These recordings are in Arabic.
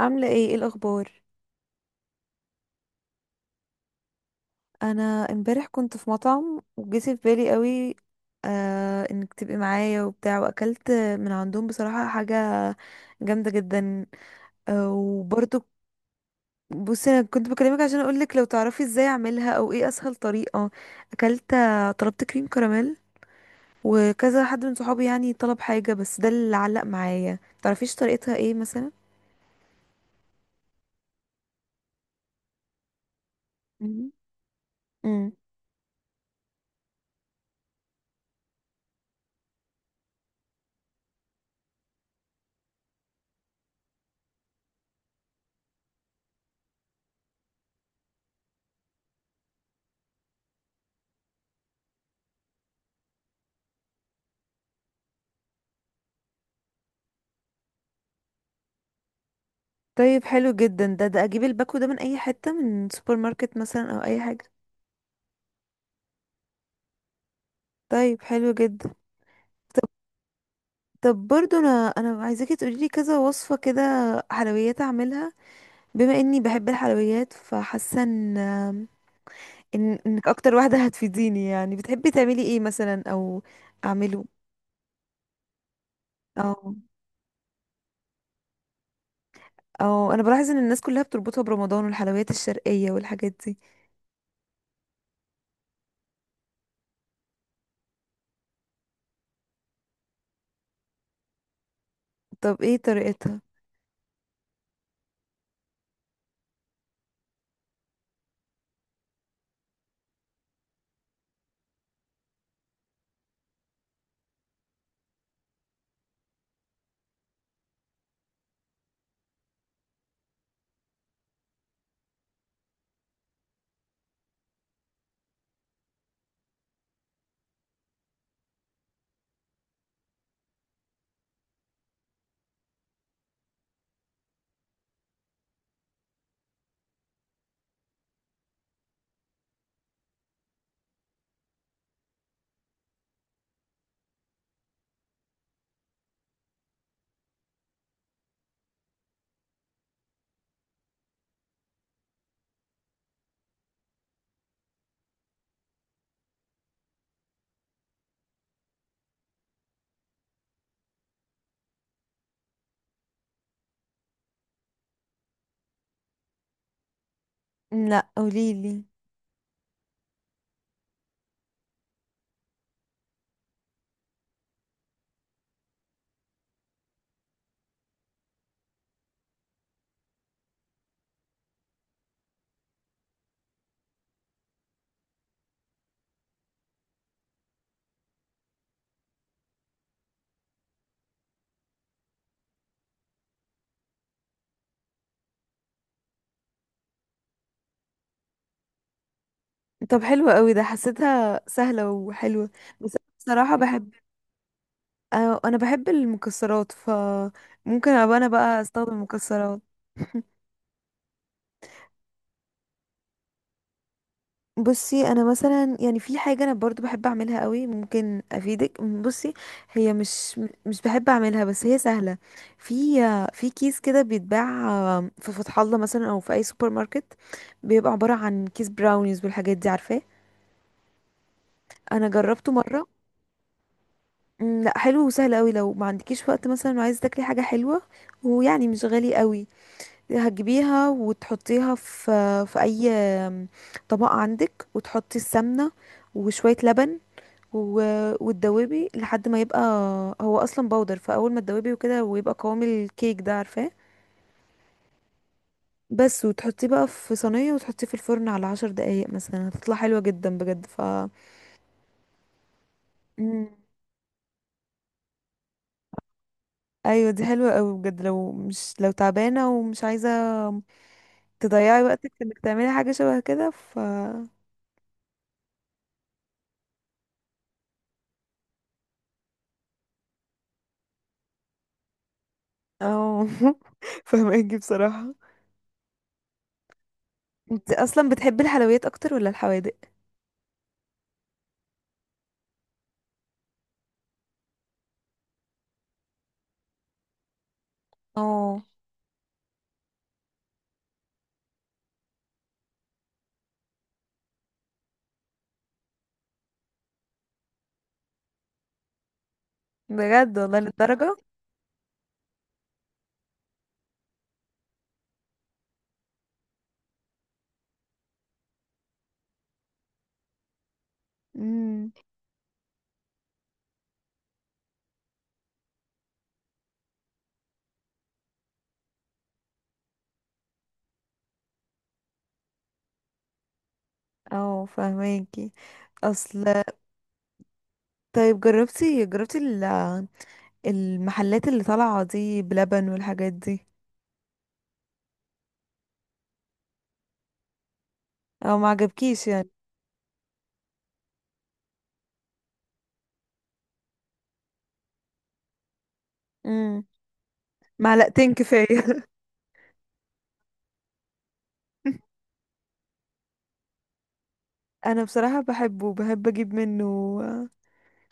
عاملة ايه الأخبار؟ أنا، امبارح كنت في مطعم وجه في بالي قوي انك تبقي معايا وبتاع، وأكلت من عندهم بصراحة حاجة جامدة جدا. آه وبرضو بصي، أنا كنت بكلمك عشان أقولك لو تعرفي ازاي أعملها أو ايه أسهل طريقة. أكلت، طلبت كريم كراميل، وكذا حد من صحابي يعني طلب حاجة، بس ده اللي علق معايا. تعرفيش طريقتها ايه مثلا؟ مم. مم. طيب حلو جدا، ده أجيب الباكو ده من أي حتة، من سوبر ماركت مثلا أو أي حاجة؟ طيب حلو جدا. طب برضو انا عايزاكي تقولي لي كذا وصفه كده حلويات اعملها، بما اني بحب الحلويات فحاسه انك اكتر واحده هتفيديني. يعني بتحبي تعملي ايه مثلا، او اعمله، او او انا بلاحظ ان الناس كلها بتربطها برمضان، والحلويات الشرقيه والحاجات دي. طب ايه طريقتها؟ لا، قوليلي. طب حلوة قوي ده، حسيتها سهله وحلوه. بس أنا بصراحه بحب، آه، انا بحب المكسرات، فممكن ابقى انا بقى استخدم مكسرات. بصي، انا مثلا يعني في حاجه انا برضو بحب اعملها قوي، ممكن افيدك. بصي هي مش بحب اعملها، بس هي سهله. في في كيس كده بيتباع في فتح الله مثلا، او في اي سوبر ماركت، بيبقى عباره عن كيس براونيز والحاجات دي، عارفاه؟ انا جربته مره. مم، لا حلو وسهل قوي لو ما عندكيش وقت مثلا، وعايز تاكلي حاجه حلوه، ويعني مش غالي قوي. هتجيبيها وتحطيها في اي طبق عندك، وتحطي السمنه وشويه لبن، و- وتدوبي لحد ما يبقى، هو اصلا بودر، فاول ما تدوبي وكده ويبقى قوام الكيك ده، عارفاه؟ بس وتحطيه بقى في صينيه، وتحطيه في الفرن على 10 دقايق مثلا، هتطلع حلوه جدا بجد. مم. ايوه دي حلوه قوي بجد، لو مش لو تعبانه ومش عايزه تضيعي وقتك في انك تعملي حاجه شبه كده. اه. فهماكي بصراحه. انت اصلا بتحبي الحلويات اكتر ولا الحوادق؟ اه، بجد والله، للدرجه؟ امم. اه، فهماكي. اصل، طيب جربتي المحلات اللي طالعه دي بلبن والحاجات دي؟ او ما عجبكيش يعني؟ امم. معلقتين كفايه. انا بصراحه بحبه، بحب اجيب منه،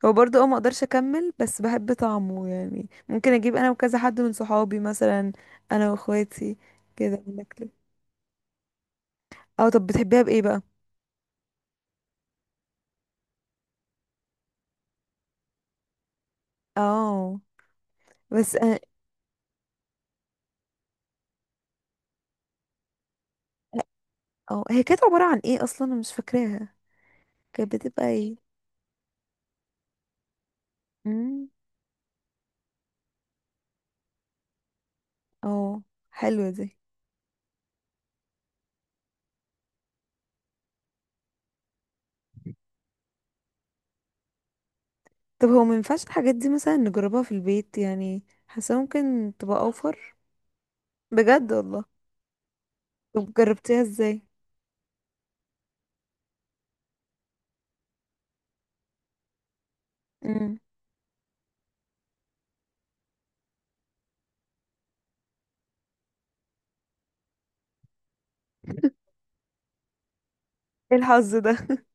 هو برضه ما اقدرش اكمل، بس بحب طعمه، يعني ممكن اجيب انا وكذا حد من صحابي مثلا، انا واخواتي كده وناكله. اه، طب بتحبيها بايه بقى؟ اه، بس أنا- اه، هي كانت عبارة عن ايه اصلا؟ انا مش فاكراها. كانت بتبقى ايه؟ امم. اه، حلوة دي. طب هو ما ينفعش الحاجات دي مثلا نجربها في البيت؟ يعني حاسة ممكن تبقى اوفر. بجد والله؟ طب جربتيها ازاي؟ امم. ايه الحظ ده؟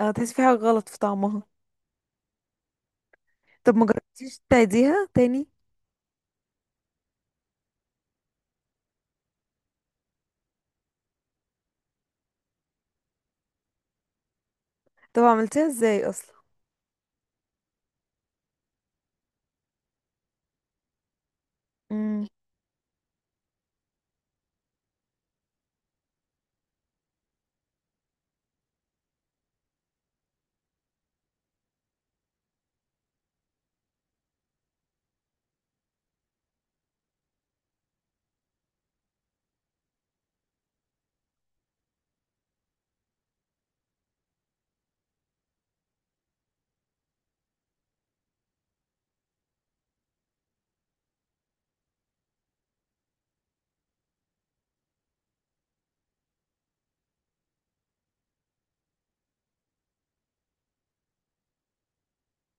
اه، تحسي في حاجة غلط في طعمها. طب ما جربتيش تعيديها تاني؟ طب عملتيها ازاي اصلا؟ امم.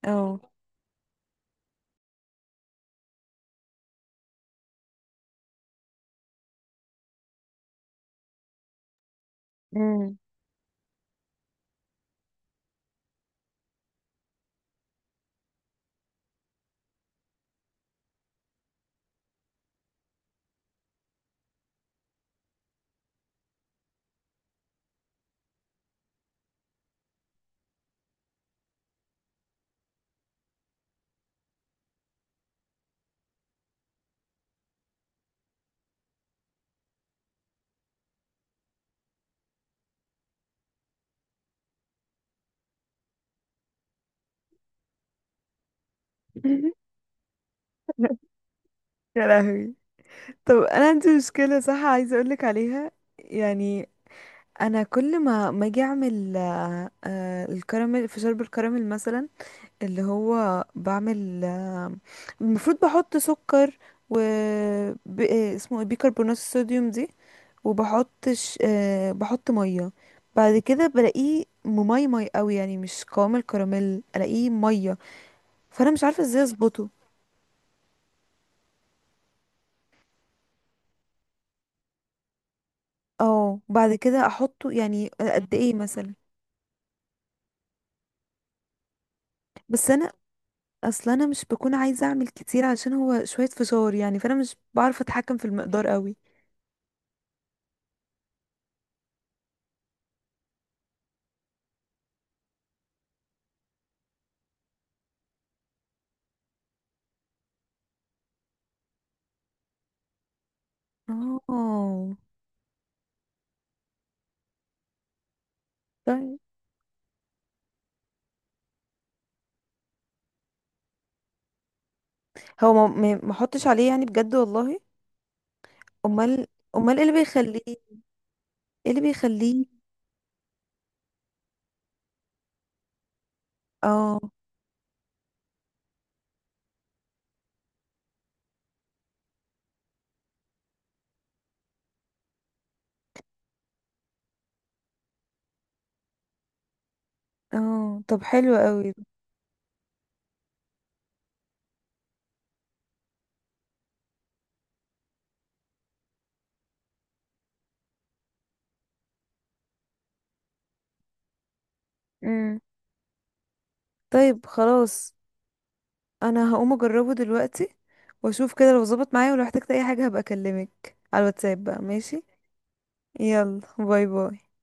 اه. امم. يا لهوي. طب انا عندي مشكلة، صح؟ عايزة اقولك عليها. يعني انا كل ما اجي اعمل الكراميل، في شرب الكراميل مثلا، اللي هو بعمل المفروض بحط سكر، و اسمه إيه؟ بيكربونات الصوديوم دي، وبحط ش... آه، بحط ميه، بعد كده بلاقيه مي قوي، يعني مش قوام الكراميل، الاقيه ميه، فانا مش عارفه ازاي اظبطه. اه، بعد كده احطه يعني قد ايه مثلا؟ بس انا، اصل انا مش بكون عايزه اعمل كتير عشان هو شويه فشار يعني، فانا مش بعرف اتحكم في المقدار قوي. اه. طيب هو ما احطش عليه يعني؟ بجد والله؟ امال. امال ايه اللي بيخليه؟ ايه اللي بيخليه؟ اه. اه، طب حلو قوي. امم. طيب خلاص، انا هقوم اجربه دلوقتي، واشوف كده لو ظبط معايا، ولو احتجت اي حاجه هبقى اكلمك على الواتساب بقى، ماشي؟ يلا، باي باي.